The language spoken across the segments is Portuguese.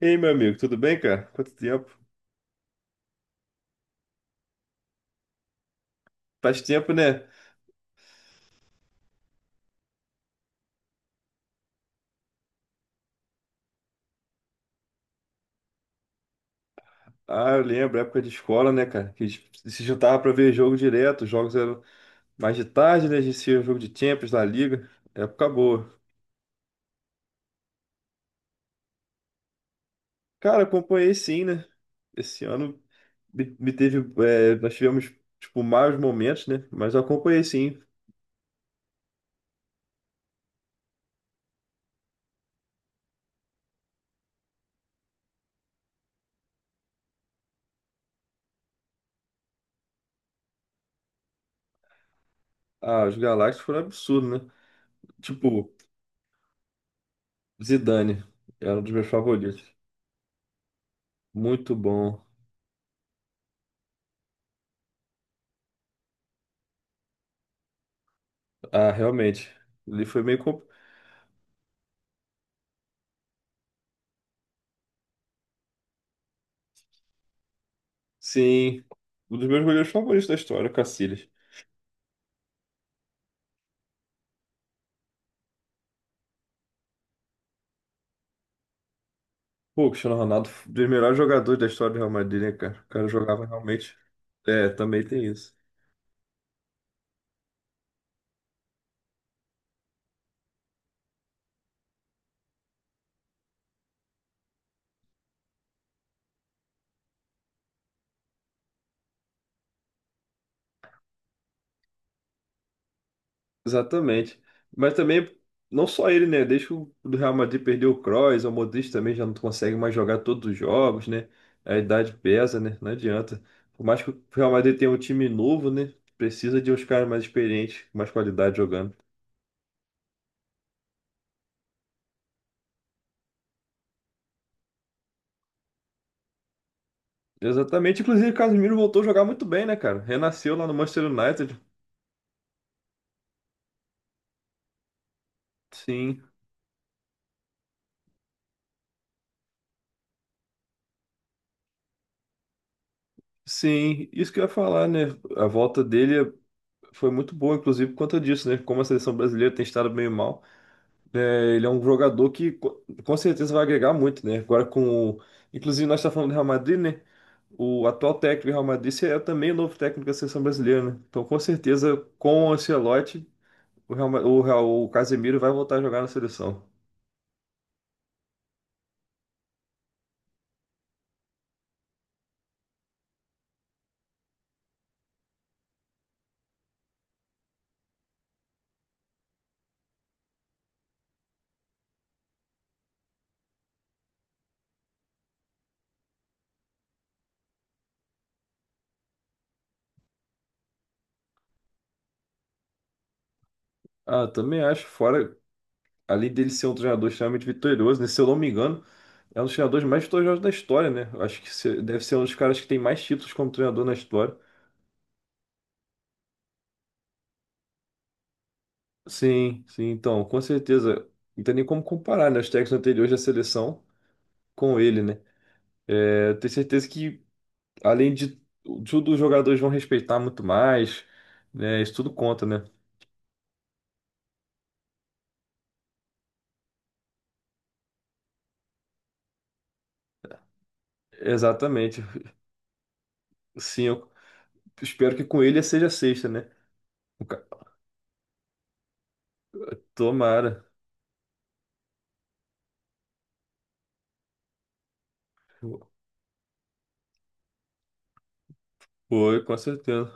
Ei, meu amigo, tudo bem, cara? Quanto tempo? Faz tempo, né? Ah, eu lembro, época de escola, né, cara? Que a gente se juntava pra ver jogo direto, os jogos eram mais de tarde, né? A gente tinha jogo de Champions da Liga, época boa. Cara, acompanhei sim, né? Esse ano me teve, nós tivemos, tipo, maus momentos, né? Mas eu acompanhei sim. Ah, os Galácticos foram absurdos, né? Tipo, Zidane, era um dos meus favoritos. Muito bom. Ah, realmente, ele foi meio complicado. Sim, um dos meus goleiros favoritos da história, o Casillas. Pô, o Cristiano Ronaldo, um dos melhores jogadores da história do Real Madrid, né, cara? O cara jogava realmente. É, também tem isso. Exatamente. Mas também, não só ele, né? Desde que o do Real Madrid perdeu o Kroos, o Modric também já não consegue mais jogar todos os jogos, né? A idade pesa, né? Não adianta. Por mais que o Real Madrid tenha um time novo, né? Precisa de uns caras mais experientes, com mais qualidade jogando. Exatamente. Inclusive, o Casemiro voltou a jogar muito bem, né, cara? Renasceu lá no Manchester United. Sim. Sim, isso que eu ia falar, né? A volta dele foi muito boa, inclusive por conta disso, né? Como a seleção brasileira tem estado meio mal, é, ele é um jogador que com certeza vai agregar muito, né? Inclusive, nós estamos falando do Real Madrid, né? O atual técnico do Real Madrid é também o novo técnico da seleção brasileira, né? Então, com certeza, com o Ancelotti, o Real, Ma- o Real- o Casemiro vai voltar a jogar na seleção. Ah, também acho, fora, além dele ser um treinador extremamente vitorioso, né? Se eu não me engano, é um dos treinadores mais vitoriosos da história, né? Eu acho que deve ser um dos caras que tem mais títulos como treinador na história. Sim, sim, então, com certeza. Não tem nem como comparar, né, os técnicos anteriores da seleção com ele, né? É, tenho certeza que, além de tudo, os jogadores vão respeitar muito mais, né? Isso tudo conta, né? Exatamente. Sim, eu espero que com ele seja sexta, né? O ca- Tomara. Foi, com certeza.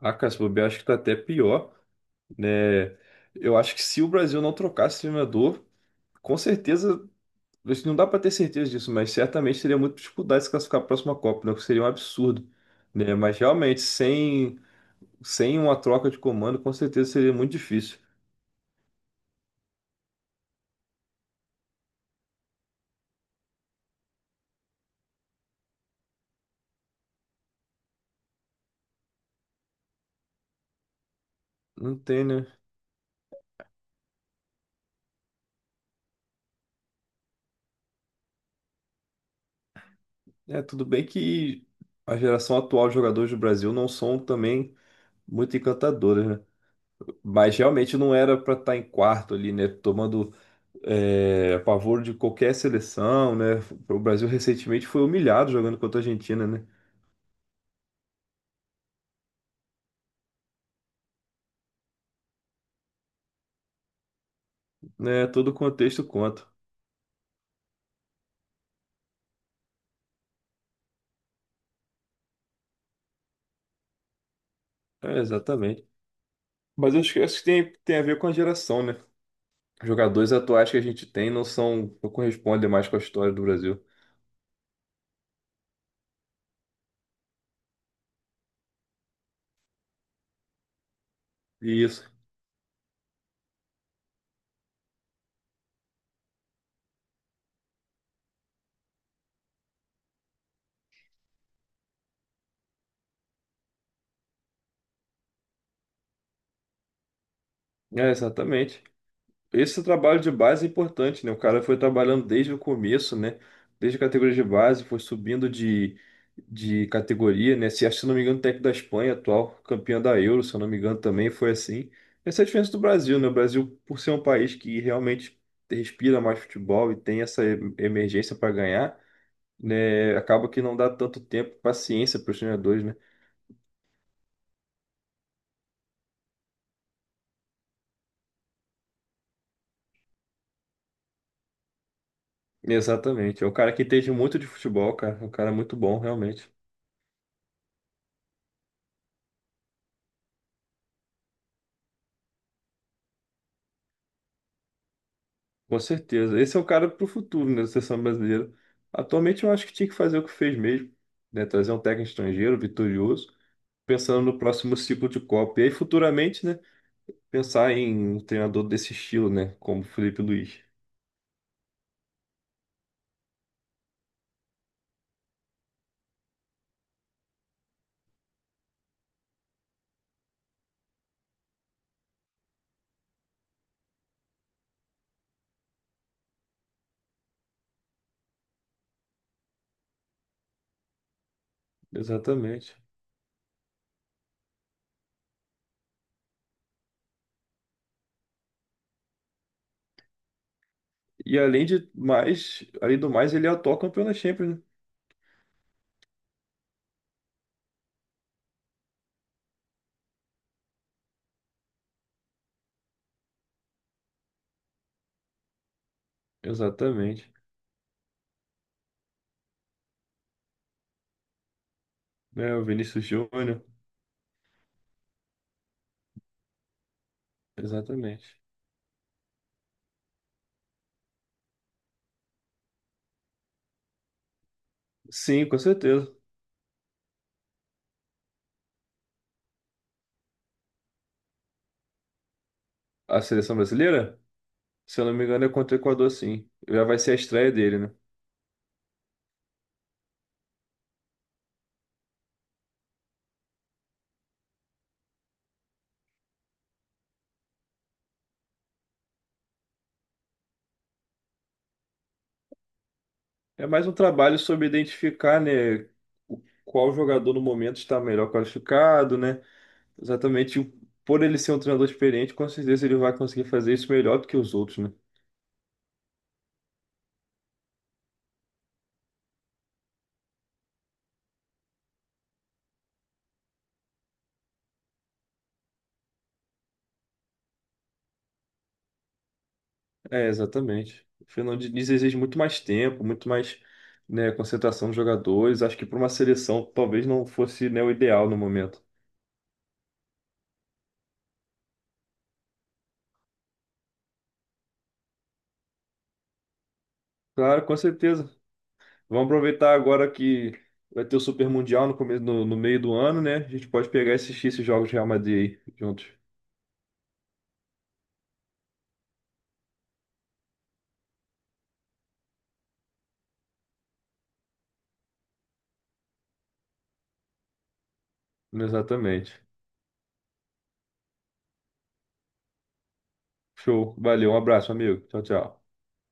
Ah, cara, se bobear, acho que tá até pior, né? Eu acho que se o Brasil não trocasse esse treinador, com certeza, isso não dá para ter certeza disso, mas certamente teria muita dificuldade de se classificar para a próxima Copa, né? O que seria um absurdo, né? Mas realmente, sem uma troca de comando, com certeza seria muito difícil. Não tem, né? É, tudo bem que a geração atual de jogadores do Brasil não são também muito encantadoras, né? Mas realmente não era para estar em quarto ali, né? Tomando a pavor de qualquer seleção, né? O Brasil recentemente foi humilhado jogando contra a Argentina, né? Né, todo contexto conta. É, exatamente. Mas eu acho que tem, tem a ver com a geração, né? Jogadores atuais que a gente tem não são, não correspondem mais com a história do Brasil. Isso. É, exatamente. Esse trabalho de base é importante, né? O cara foi trabalhando desde o começo, né? Desde a categoria de base, foi subindo de categoria, né? Se, acho se não me engano, o técnico da Espanha, atual campeão da Euro, se eu não me engano, também foi assim. Essa é a diferença do Brasil, né? O Brasil, por ser um país que realmente respira mais futebol e tem essa emergência para ganhar, né? Acaba que não dá tanto tempo, paciência para os treinadores, né? Exatamente. É um cara que entende muito de futebol, cara. É um cara muito bom, realmente. Com certeza. Esse é o cara para o futuro, né, da seleção brasileira. Atualmente eu acho que tinha que fazer o que fez mesmo, né, trazer um técnico estrangeiro vitorioso, pensando no próximo ciclo de Copa. E aí futuramente, né, pensar em um treinador desse estilo, né, como Felipe Luiz. Exatamente. E além de mais, além do mais, ele é atual campeão da Champions, né? Exatamente. Né, o Vinícius Júnior. Exatamente. Sim, com certeza. A seleção brasileira, se eu não me engano, é contra o Equador, sim. Já vai ser a estreia dele, né? É mais um trabalho sobre identificar, né, qual jogador no momento está melhor qualificado, né? Exatamente, o- por ele ser um treinador experiente, com certeza ele vai conseguir fazer isso melhor do que os outros, né? É, exatamente. O Fernando Diniz exige muito mais tempo, muito mais, né, concentração dos jogadores. Acho que para uma seleção talvez não fosse, né, o ideal no momento. Claro, com certeza. Vamos aproveitar agora que vai ter o Super Mundial no começo, no meio do ano, né? A gente pode pegar e assistir esses jogos de Real Madrid aí juntos. Exatamente. Show. Valeu, um abraço, amigo. Tchau, tchau.